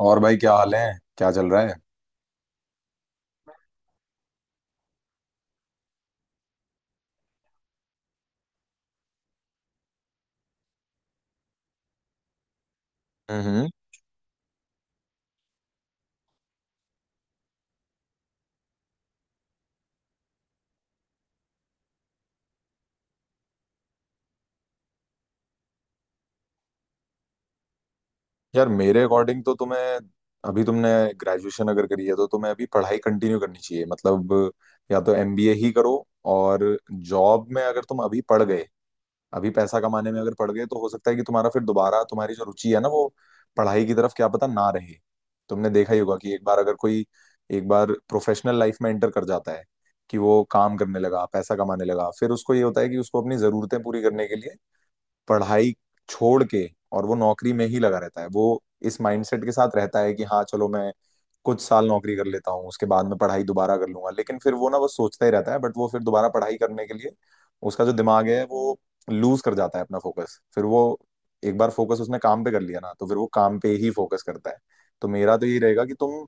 और भाई, क्या हाल है? क्या चल रहा है? हम्म। यार, मेरे अकॉर्डिंग तो तुम्हें, अभी तुमने ग्रेजुएशन अगर करी है तो तुम्हें अभी पढ़ाई कंटिन्यू करनी चाहिए। मतलब या तो एमबीए ही करो। और जॉब में अगर तुम अभी पढ़ गए, अभी पैसा कमाने में अगर पढ़ गए, तो हो सकता है कि तुम्हारा फिर दोबारा तुम्हारी जो रुचि है ना, वो पढ़ाई की तरफ क्या पता ना रहे। तुमने देखा ही होगा कि एक बार अगर कोई, एक बार प्रोफेशनल लाइफ में एंटर कर जाता है, कि वो काम करने लगा, पैसा कमाने लगा, फिर उसको ये होता है कि उसको अपनी जरूरतें पूरी करने के लिए पढ़ाई छोड़ के, और वो नौकरी में ही लगा रहता है। वो इस माइंडसेट के साथ रहता है कि हाँ चलो, मैं कुछ साल नौकरी कर लेता हूँ, उसके बाद में पढ़ाई दोबारा कर लूंगा। लेकिन फिर वो ना वो सोचता ही रहता है, बट वो फिर दोबारा पढ़ाई करने के लिए उसका जो दिमाग है वो लूज कर जाता है अपना फोकस। फिर वो, एक बार फोकस उसने काम पे कर लिया ना, तो फिर वो काम पे ही फोकस करता है। तो मेरा तो यही रहेगा कि तुम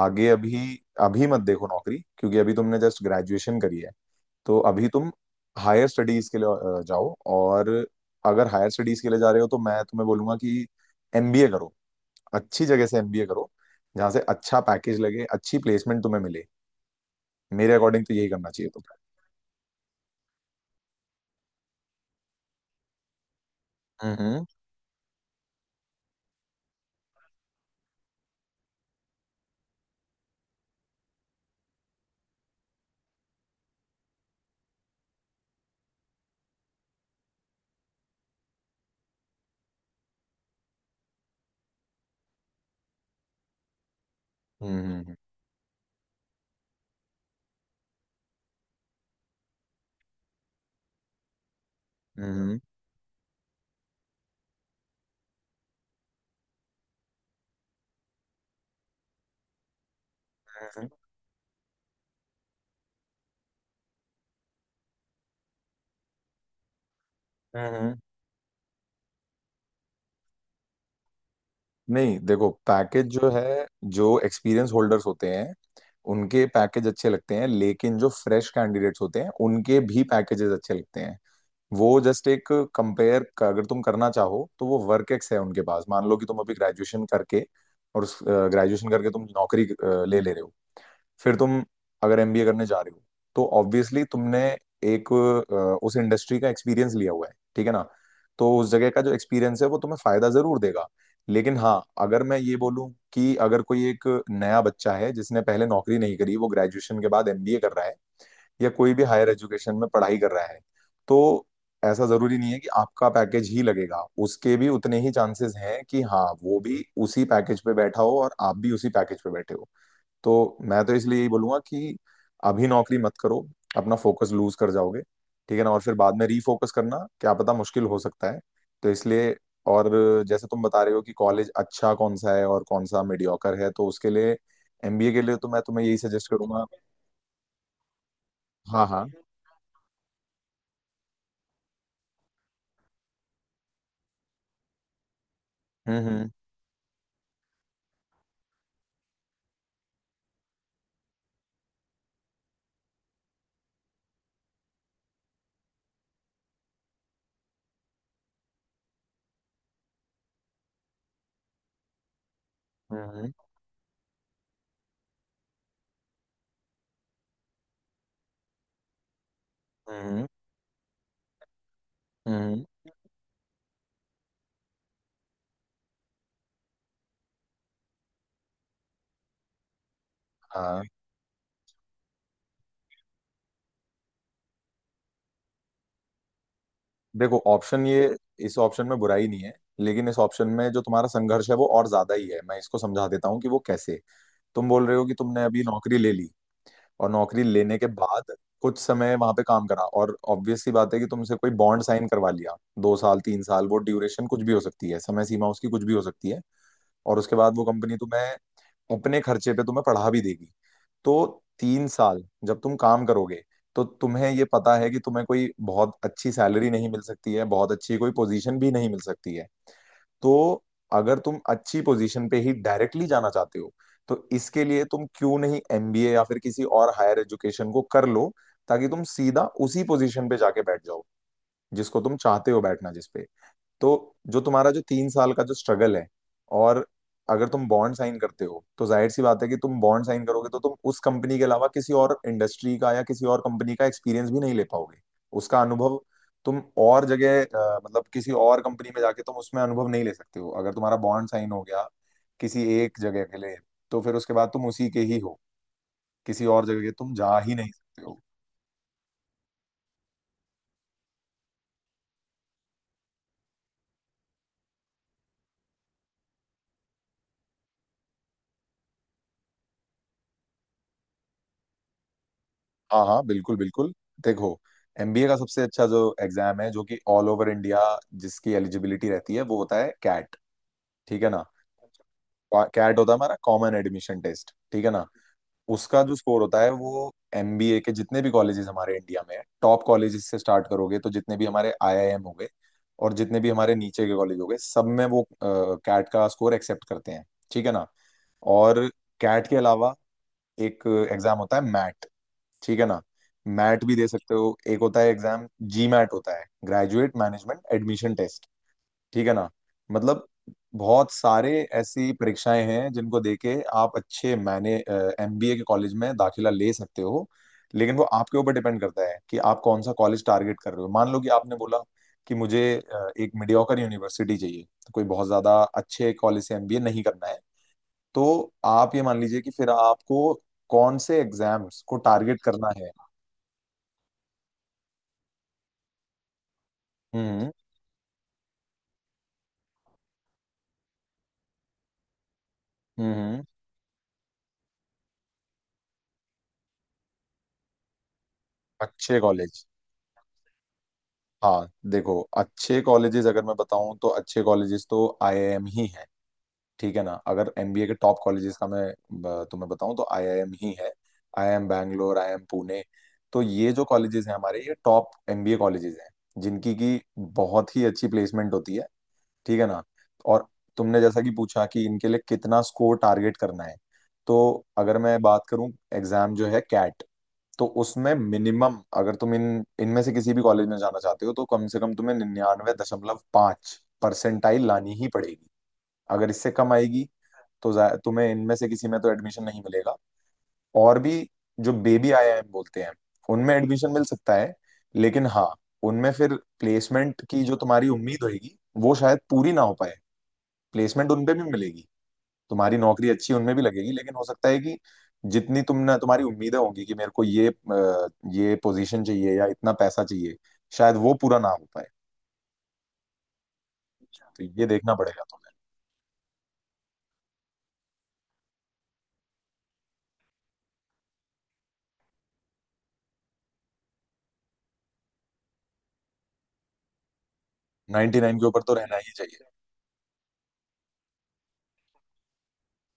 आगे अभी अभी मत देखो नौकरी, क्योंकि अभी तुमने जस्ट ग्रेजुएशन करी है। तो अभी तुम हायर स्टडीज के लिए जाओ। और अगर हायर स्टडीज के लिए जा रहे हो तो मैं तुम्हें बोलूंगा कि एमबीए करो, अच्छी जगह से एमबीए करो, जहां से अच्छा पैकेज लगे, अच्छी प्लेसमेंट तुम्हें मिले। मेरे अकॉर्डिंग तो यही करना चाहिए तुम्हें। हम्म, हम्म, हम्म, हम्म, नहीं, देखो, पैकेज जो है, जो एक्सपीरियंस होल्डर्स होते हैं उनके पैकेज अच्छे लगते हैं, लेकिन जो फ्रेश कैंडिडेट्स होते हैं उनके भी पैकेजेस अच्छे लगते हैं। वो जस्ट, एक कंपेयर का अगर तुम करना चाहो तो वो वर्क एक्स है उनके पास। मान लो कि तुम अभी ग्रेजुएशन करके, और उस ग्रेजुएशन करके तुम नौकरी ले ले रहे हो, फिर तुम अगर एमबीए करने जा रहे हो तो ऑब्वियसली तुमने एक उस इंडस्ट्री का एक्सपीरियंस लिया हुआ है, ठीक है ना। तो उस जगह का जो एक्सपीरियंस है वो तुम्हें फायदा जरूर देगा। लेकिन हाँ, अगर मैं ये बोलूं कि अगर कोई एक नया बच्चा है जिसने पहले नौकरी नहीं करी, वो ग्रेजुएशन के बाद एमबीए कर रहा है या कोई भी हायर एजुकेशन में पढ़ाई कर रहा है, तो ऐसा जरूरी नहीं है कि आपका पैकेज ही लगेगा। उसके भी उतने ही चांसेस हैं कि हाँ, वो भी उसी पैकेज पे बैठा हो और आप भी उसी पैकेज पे बैठे हो। तो मैं तो इसलिए यही बोलूंगा कि अभी नौकरी मत करो, अपना फोकस लूज कर जाओगे, ठीक है ना। और फिर बाद में रीफोकस करना क्या पता मुश्किल हो सकता है, तो इसलिए। और जैसे तुम बता रहे हो कि कॉलेज अच्छा कौन सा है और कौन सा मीडियोकर है, तो उसके लिए, एमबीए के लिए तो मैं तुम्हें यही सजेस्ट करूंगा। हाँ, हाँ। हम्म, हम्म, हम्म, हम्म, हम्म, हाँ। देखो, ऑप्शन ये, इस ऑप्शन में बुराई नहीं है, लेकिन इस ऑप्शन में जो तुम्हारा संघर्ष है वो और ज्यादा ही है। मैं इसको समझा देता हूँ कि वो कैसे। तुम बोल रहे हो कि तुमने अभी नौकरी ले ली, और नौकरी लेने के बाद कुछ समय वहां पे काम करा, और ऑब्वियस सी बात है कि तुमसे कोई बॉन्ड साइन करवा लिया। 2 साल, 3 साल, वो ड्यूरेशन कुछ भी हो सकती है, समय सीमा उसकी कुछ भी हो सकती है। और उसके बाद वो कंपनी तुम्हें अपने खर्चे पे तुम्हें पढ़ा भी देगी। तो 3 साल जब तुम काम करोगे, तो तुम्हें ये पता है कि तुम्हें कोई बहुत अच्छी सैलरी नहीं मिल सकती है, बहुत अच्छी कोई पोजीशन भी नहीं मिल सकती है। तो अगर तुम अच्छी पोजीशन पे ही डायरेक्टली जाना चाहते हो, तो इसके लिए तुम क्यों नहीं एमबीए या फिर किसी और हायर एजुकेशन को कर लो, ताकि तुम सीधा उसी पोजीशन पे जाके बैठ जाओ जिसको तुम चाहते हो बैठना, जिस पे। तो जो तुम्हारा जो 3 साल का जो स्ट्रगल है, और अगर तुम बॉन्ड साइन करते हो, तो जाहिर सी बात है कि तुम बॉन्ड साइन करोगे तो तुम उस कंपनी के अलावा किसी और इंडस्ट्री का या किसी और कंपनी का एक्सपीरियंस भी नहीं ले पाओगे, उसका अनुभव। तुम और जगह, मतलब किसी और कंपनी में जाके तुम उसमें अनुभव नहीं ले सकते हो, अगर तुम्हारा बॉन्ड साइन हो गया किसी एक जगह के लिए, तो फिर उसके बाद तुम उसी के ही हो, किसी और जगह तुम जा ही नहीं सकते हो। हाँ, हाँ, बिल्कुल बिल्कुल। देखो, एमबीए का सबसे अच्छा जो एग्जाम है जो कि ऑल ओवर इंडिया जिसकी एलिजिबिलिटी रहती है, वो होता है कैट, ठीक है ना। कैट होता है हमारा कॉमन एडमिशन टेस्ट, ठीक है ना। उसका जो स्कोर होता है वो, एमबीए के जितने भी कॉलेजेस हमारे इंडिया में है, टॉप कॉलेजेस से स्टार्ट करोगे तो जितने भी हमारे आईआईएम हो गए और जितने भी हमारे नीचे के कॉलेज हो गए, सब में वो कैट का स्कोर एक्सेप्ट करते हैं, ठीक है ना। और कैट के अलावा एक एग्जाम होता है मैट, ठीक है ना। मैट भी दे सकते हो। एक होता है एग्जाम जी मैट, होता है ग्रेजुएट मैनेजमेंट एडमिशन टेस्ट, ठीक है ना। मतलब बहुत सारे ऐसी परीक्षाएं हैं जिनको देके आप अच्छे, मैंने एमबीए के कॉलेज में दाखिला ले सकते हो। लेकिन वो आपके ऊपर डिपेंड करता है कि आप कौन सा कॉलेज टारगेट कर रहे हो। मान लो कि आपने बोला कि मुझे एक मीडियोकर यूनिवर्सिटी चाहिए, तो कोई बहुत ज्यादा अच्छे कॉलेज से एमबीए नहीं करना है। तो आप ये मान लीजिए कि फिर आपको कौन से एग्जाम्स को टारगेट करना है। हम्म, हम्म। अच्छे कॉलेज, हाँ, देखो, अच्छे कॉलेजेस अगर मैं बताऊं तो अच्छे कॉलेजेस तो आईआईएम ही है, ठीक है ना। अगर एमबीए के टॉप कॉलेजेस का मैं तुम्हें बताऊं तो आईआईएम ही है। IIM Bangalore, IIM Pune. तो ये जो कॉलेजेस हैं हमारे, ये टॉप एमबीए कॉलेजेस हैं जिनकी की बहुत ही अच्छी प्लेसमेंट होती है, ठीक है ना। और तुमने जैसा कि पूछा कि इनके लिए कितना स्कोर टारगेट करना है, तो अगर मैं बात करूं, एग्जाम जो है कैट, तो उसमें मिनिमम अगर तुम इन इनमें से किसी भी कॉलेज में जाना चाहते हो तो कम से कम तुम्हें 99.5 परसेंटाइल लानी ही पड़ेगी। अगर इससे कम आएगी तो तुम्हें इनमें से किसी में तो एडमिशन नहीं मिलेगा। और भी, जो बेबी आईआईएम बोलते हैं उनमें एडमिशन मिल सकता है, लेकिन हाँ, उनमें फिर प्लेसमेंट की जो तुम्हारी उम्मीद होगी वो शायद पूरी ना हो पाए। प्लेसमेंट उनपे भी मिलेगी, तुम्हारी नौकरी अच्छी उनमें भी लगेगी, लेकिन हो सकता है कि जितनी तुम ना तुम्हारी उम्मीदें होंगी कि मेरे को ये पोजीशन चाहिए या इतना पैसा चाहिए, शायद वो पूरा ना हो पाए। तो ये देखना पड़ेगा तुम्हें। 99 के ऊपर तो रहना ही चाहिए।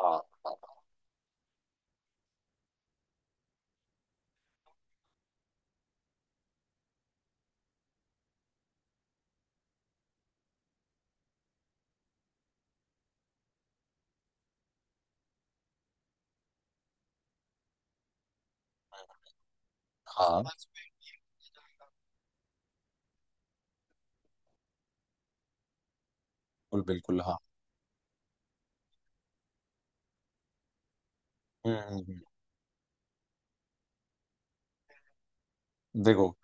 हाँ, हाँ। हाँ, बिल्कुल बिल्कुल, हाँ। हम्म, देखो,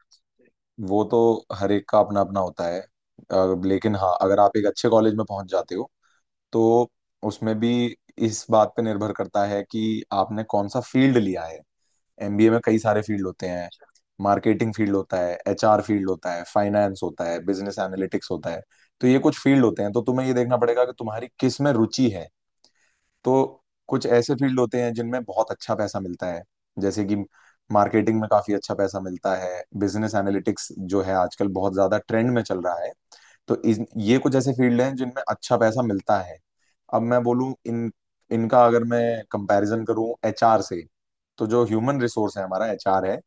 वो तो हर एक का अपना अपना होता है, लेकिन हाँ अगर आप एक अच्छे कॉलेज में पहुंच जाते हो, तो उसमें भी इस बात पे निर्भर करता है कि आपने कौन सा फील्ड लिया है। एमबीए में कई सारे फील्ड होते हैं। मार्केटिंग फील्ड होता है, एचआर फील्ड होता है, फाइनेंस होता है, बिजनेस एनालिटिक्स होता है। तो ये कुछ फील्ड होते हैं, तो तुम्हें ये देखना पड़ेगा कि तुम्हारी किस में रुचि है। तो कुछ ऐसे फील्ड होते हैं जिनमें बहुत अच्छा पैसा मिलता है, जैसे कि मार्केटिंग में काफी अच्छा पैसा मिलता है। बिजनेस एनालिटिक्स जो है आजकल बहुत ज्यादा ट्रेंड में चल रहा है। तो ये कुछ ऐसे फील्ड हैं जिनमें अच्छा पैसा मिलता है। अब मैं बोलूं, इन इनका अगर मैं कंपैरिजन करूं एचआर से, तो जो ह्यूमन रिसोर्स है, हमारा एचआर है,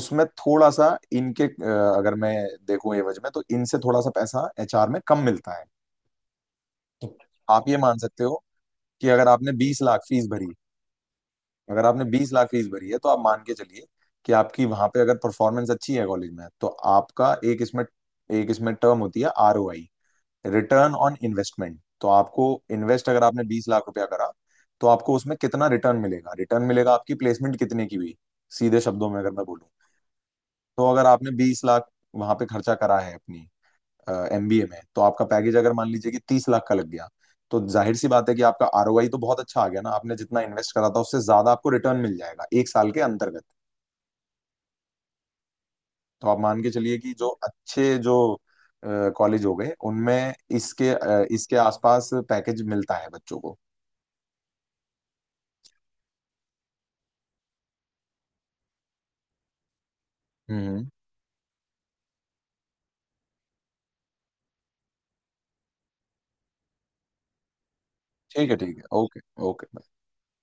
उसमें थोड़ा सा इनके, अगर मैं देखूं एवज में, तो इनसे थोड़ा सा पैसा एचआर में कम मिलता है। तो आप ये मान सकते हो कि अगर आपने 20 लाख फीस भरी, अगर आपने बीस लाख फीस भरी है, तो आप मान के चलिए कि आपकी वहां पे अगर परफॉर्मेंस अच्छी है कॉलेज में, तो आपका एक इसमें टर्म होती है आरओआई, रिटर्न ऑन इन्वेस्टमेंट। तो आपको इन्वेस्ट, अगर आपने 20 लाख रुपया करा, तो आपको उसमें कितना रिटर्न मिलेगा। रिटर्न मिलेगा आपकी प्लेसमेंट कितने की हुई, सीधे शब्दों में अगर मैं बोलूँ। तो अगर आपने 20 लाख वहां पे खर्चा करा है अपनी एमबीए में, तो आपका पैकेज अगर मान लीजिए कि 30 लाख का लग गया, तो जाहिर सी बात है कि आपका आरओआई तो बहुत अच्छा आ गया ना। आपने जितना इन्वेस्ट करा था उससे ज्यादा आपको रिटर्न मिल जाएगा एक साल के अंतर्गत। तो आप मान के चलिए कि जो अच्छे, जो कॉलेज हो गए, उनमें इसके, इसके आसपास पैकेज मिलता है बच्चों को। हम्म, ठीक है, ठीक है, ओके। ओके।